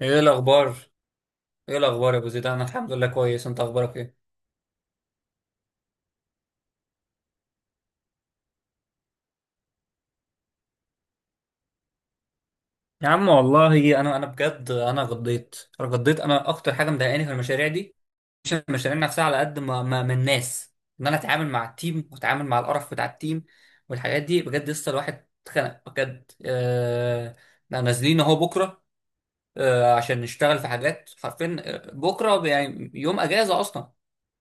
ايه الاخبار ايه الاخبار يا ابو زيد، انا الحمد لله كويس. انت اخبارك ايه؟ يا عم والله انا بجد، انا غضيت. انا اكتر حاجه مضايقاني في المشاريع دي، مش المشاريع نفسها على قد ما، من الناس. ان انا اتعامل مع التيم واتعامل مع القرف بتاع التيم والحاجات دي. بجد لسه الواحد اتخنق بجد. احنا نازلين اهو بكره. عشان نشتغل في حاجات حرفيا، بكره يعني يوم اجازه اصلا.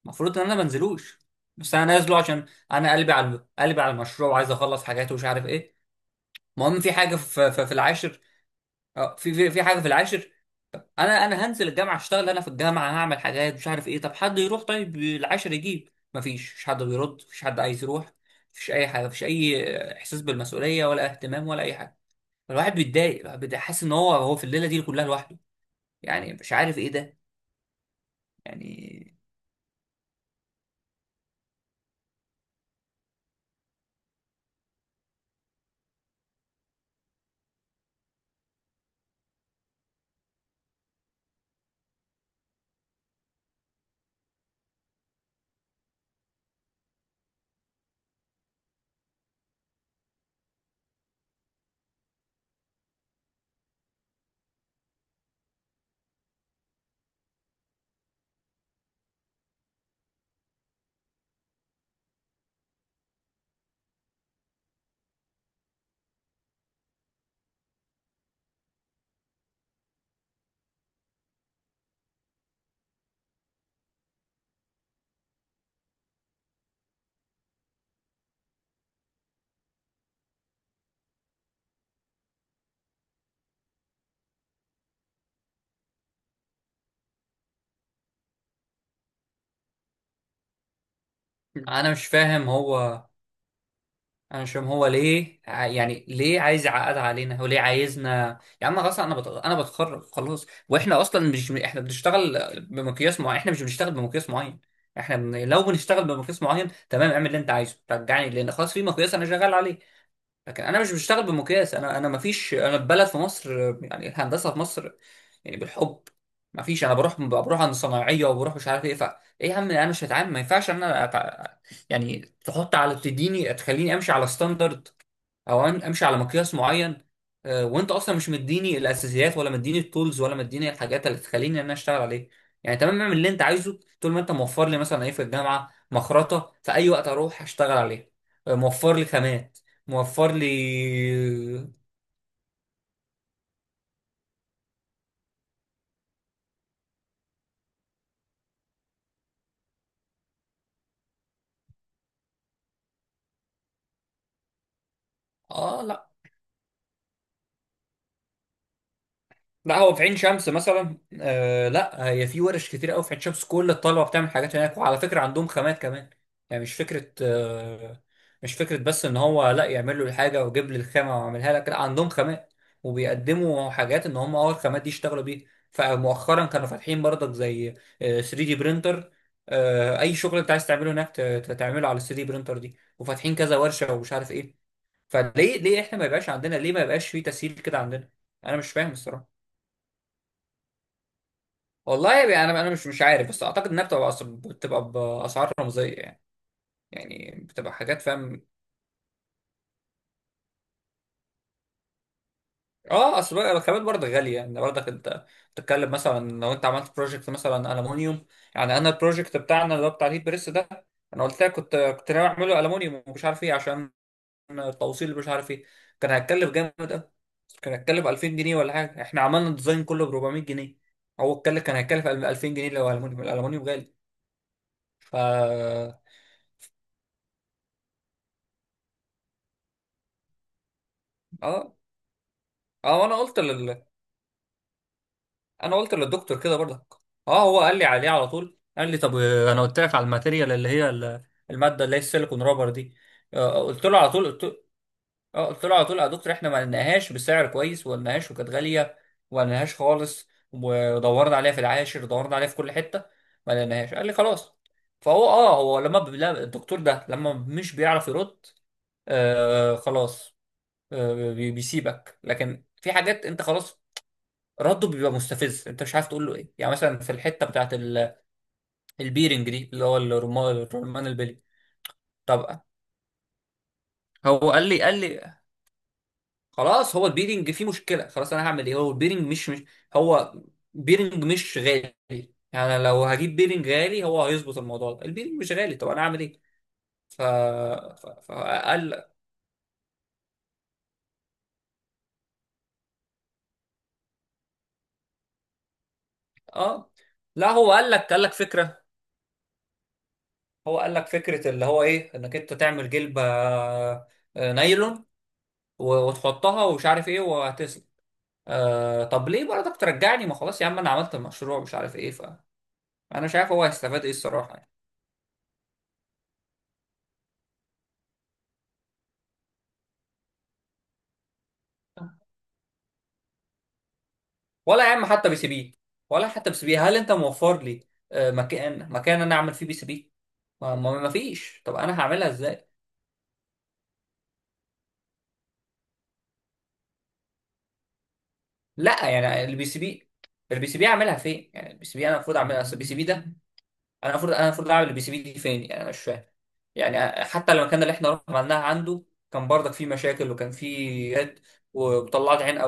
المفروض ان انا ما انزلوش، بس انا نازله عشان انا قلبي على المشروع، وعايز اخلص حاجات ومش عارف ايه. المهم في حاجه في العاشر. في حاجه في العاشر. انا هنزل الجامعه اشتغل، انا في الجامعه هعمل حاجات مش عارف ايه. طب حد يروح طيب العاشر يجيب؟ مفيش حد بيرد، مفيش حد عايز يروح. مفيش اي حاجه، مفيش اي احساس بالمسؤوليه، ولا اهتمام ولا اي حاجه. الواحد بيتضايق، حاسس ان هو في الليله دي كلها لوحده. يعني مش عارف ايه ده يعني. انا مش فاهم، هو عشان هو ليه يعني ليه عايز يعقد علينا، وليه عايزنا؟ يا عم خلاص، انا انا بتخرج خلاص. واحنا اصلا مش، احنا بنشتغل بمقياس معين؟ احنا مش بنشتغل بمقياس معين. احنا لو بنشتغل بمقياس معين تمام، اعمل اللي انت عايزه، رجعني، لان خلاص في مقياس انا شغال عليه. لكن انا مش بشتغل بمقياس، انا مفيش. انا في بلد، في مصر. يعني الهندسه في مصر يعني بالحب. مفيش. انا بروح عند صنايعيه، وبروح مش عارف ايه. ف ايه يا عم، انا مش هتعامل، ما ينفعش ان انا يعني تحط، على تديني، تخليني امشي على ستاندرد، او امشي على مقياس معين. وانت اصلا مش مديني الاساسيات، ولا مديني التولز، ولا مديني الحاجات اللي تخليني ان انا اشتغل عليه. يعني تمام، اعمل اللي انت عايزه طول ما انت موفر لي. مثلا ايه؟ في الجامعه مخرطه في اي وقت اروح اشتغل عليها، موفر لي خامات، موفر لي. اه، لا، لا هو في عين شمس مثلا لا، هي في ورش كتير قوي في عين شمس. كل الطلبه بتعمل حاجات هناك، وعلى فكره عندهم خامات كمان. يعني مش فكره مش فكره بس ان هو لا يعمل له الحاجه ويجيب لي الخامه واعملها لك، لا عندهم خامات وبيقدموا حاجات ان هم الخامات دي يشتغلوا بيها. فمؤخرا كانوا فاتحين برضك زي 3 دي برينتر. اي شغل انت عايز تعمله هناك تعمله على 3 دي برينتر دي، وفاتحين كذا ورشه ومش عارف ايه. فليه ليه احنا ما يبقاش عندنا، ليه ما يبقاش في تسهيل كده عندنا؟ انا مش فاهم الصراحه. والله يعني انا مش عارف، بس اعتقد انها بتبقى بتبقى باسعار رمزيه يعني، يعني بتبقى حاجات، فاهم. اه، اصل بقى الخامات برضه غاليه، يعني برضك انت بتتكلم مثلا لو انت عملت بروجكت مثلا المونيوم. يعني انا البروجكت بتاعنا اللي هو بتاع الهيت بريس ده، انا قلت لك كنت ناوي اعمله المونيوم ومش عارف ايه، عشان التوصيل اللي مش عارف ايه كان هيتكلف جامد قوي، كان هيتكلف 2000 جنيه ولا حاجه. احنا عملنا الديزاين كله ب 400 جنيه. هو اتكلف، كان هيتكلف 2000 جنيه لو المونيوم. الالمونيوم غالي. ف اه اه وانا قلت، انا قلت للدكتور كده برضك. اه، هو قال لي عليه على طول، قال لي طب. انا قلت لك على الماتيريال اللي هي الماده اللي هي السيليكون رابر دي. قلت له على طول، قلت، اه، قلت له على طول يا دكتور، احنا ما لقيناهاش بسعر كويس، وما لقيناهاش وكانت غاليه، وما لقيناهاش خالص. ودورنا عليها في العاشر، دورنا عليها في كل حته، ما لقيناهاش. قال لي خلاص. فهو اه هو لما لا، الدكتور ده لما مش بيعرف يرد، آه خلاص. بيسيبك. لكن في حاجات انت خلاص رده بيبقى مستفز، انت مش عارف تقول له ايه. يعني مثلا في الحته بتاعت البيرنج دي اللي هو الرمان، البلي. طب هو قال لي خلاص، هو البيرنج فيه مشكله. خلاص انا هعمل ايه؟ هو البيرنج مش، هو بيرنج مش غالي. يعني لو هجيب بيرنج غالي هو هيظبط الموضوع ده؟ البيرنج مش غالي، طب انا هعمل ايه؟ فقال، اه، لا هو قال لك فكره. هو قال لك فكره اللي هو ايه؟ انك انت تعمل جلبه نايلون وتحطها ومش عارف ايه. آه طب ليه برضك ترجعني؟ ما خلاص يا عم، انا عملت المشروع مش عارف ايه. فانا مش عارف هو هيستفاد ايه الصراحه يعني. ولا يا عم حتى بي سي بي، ولا حتى بي سي بي. هل انت موفر لي مكان انا اعمل فيه بي سي بي؟ ما فيش. طب انا هعملها ازاي؟ لا يعني البي سي بي، البي سي بي اعملها فين؟ يعني البي سي بي انا المفروض اعملها، اصل البي سي بي ده، انا المفروض اعمل البي سي بي دي فين؟ يعني انا مش فاهم. يعني حتى المكان اللي احنا رحنا عملناها عنده كان برضك فيه مشاكل، وكان فيه جد، وطلعت عين،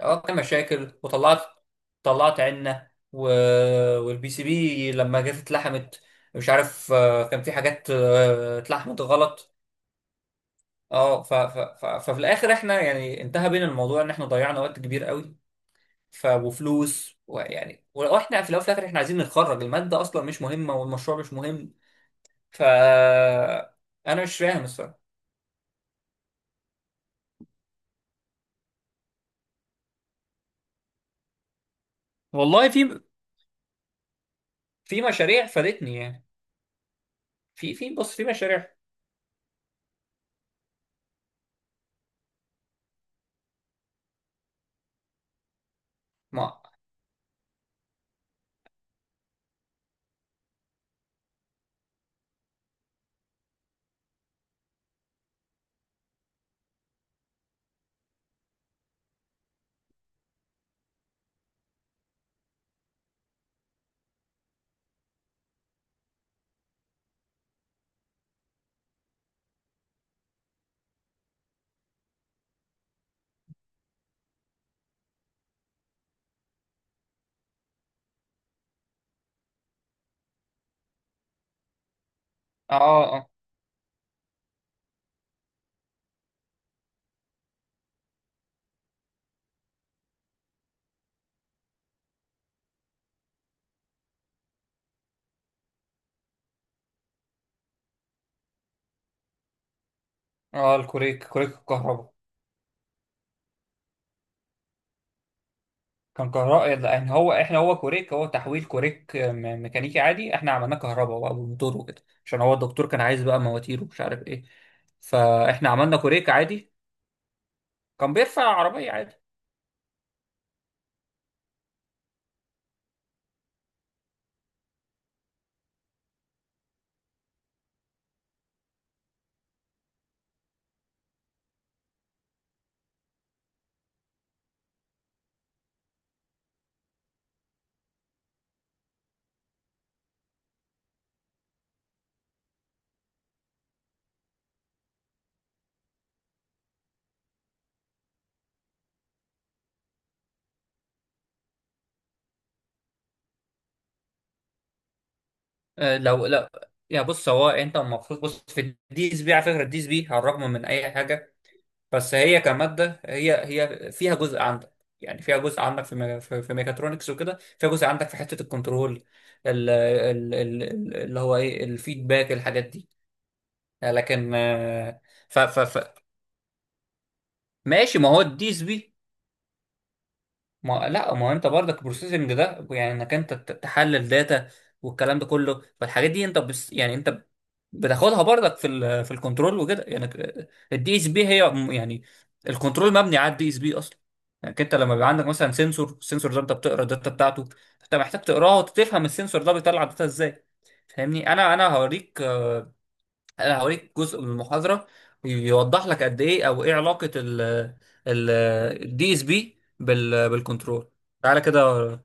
عملت مشاكل وطلعت، طلعت عنا. و... والبي سي بي لما جت اتلحمت مش عارف، كان في حاجات اتلحمت غلط. اه ففي الاخر احنا يعني انتهى بينا الموضوع ان احنا ضيعنا وقت كبير قوي، وفلوس. ويعني واحنا في الاول وفي الاخر احنا عايزين نتخرج. المادة اصلا مش مهمة، والمشروع مش مهم. ف انا مش فاهم الصراحة. والله في مشاريع فادتني يعني. في في بص، في مشاريع. ما اه اه اه الكوريك، الكهرباء. كان كهرباء. يعني هو احنا كوريك، هو تحويل كوريك ميكانيكي عادي. احنا عملناه كهرباء بقى بالموتور وكده، عشان هو الدكتور كان عايز بقى مواتير ومش عارف ايه. فاحنا عملنا كوريك عادي، كان بيرفع عربية عادي. اه، لا يا بص، هو انت المفروض بص في الدي اس بي. على فكرة الدي اس بي، على الرغم من اي حاجة، بس هي كمادة، هي فيها جزء عندك. يعني فيها جزء عندك في في ميكاترونكس وكده، فيها جزء عندك في حتة الكنترول، اللي هو ايه، الفيدباك، الحاجات دي. لكن آه، ف ف ف ماشي، ما هو الديس بي. ما لا، ما هو انت برضك بروسيسنج ده يعني انك انت تحلل داتا والكلام ده كله. فالحاجات دي انت بس، يعني انت بتاخدها برضك في الكنترول وكده يعني. الدي اس بي هي يعني الكنترول مبني على الدي اس بي اصلا. يعني انت لما بيبقى عندك مثلا سنسور، السنسور ده انت بتقرا الداتا بتاعته، انت محتاج تقراها وتفهم السنسور ده بيطلع داتا ازاي. فاهمني؟ انا هوريك، انا هوريك جزء من المحاضره يوضح لك قد ايه، او ايه علاقه ال ال الدي اس بي بالكنترول. تعالى كده.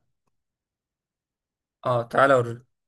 اه تعالى اوريك.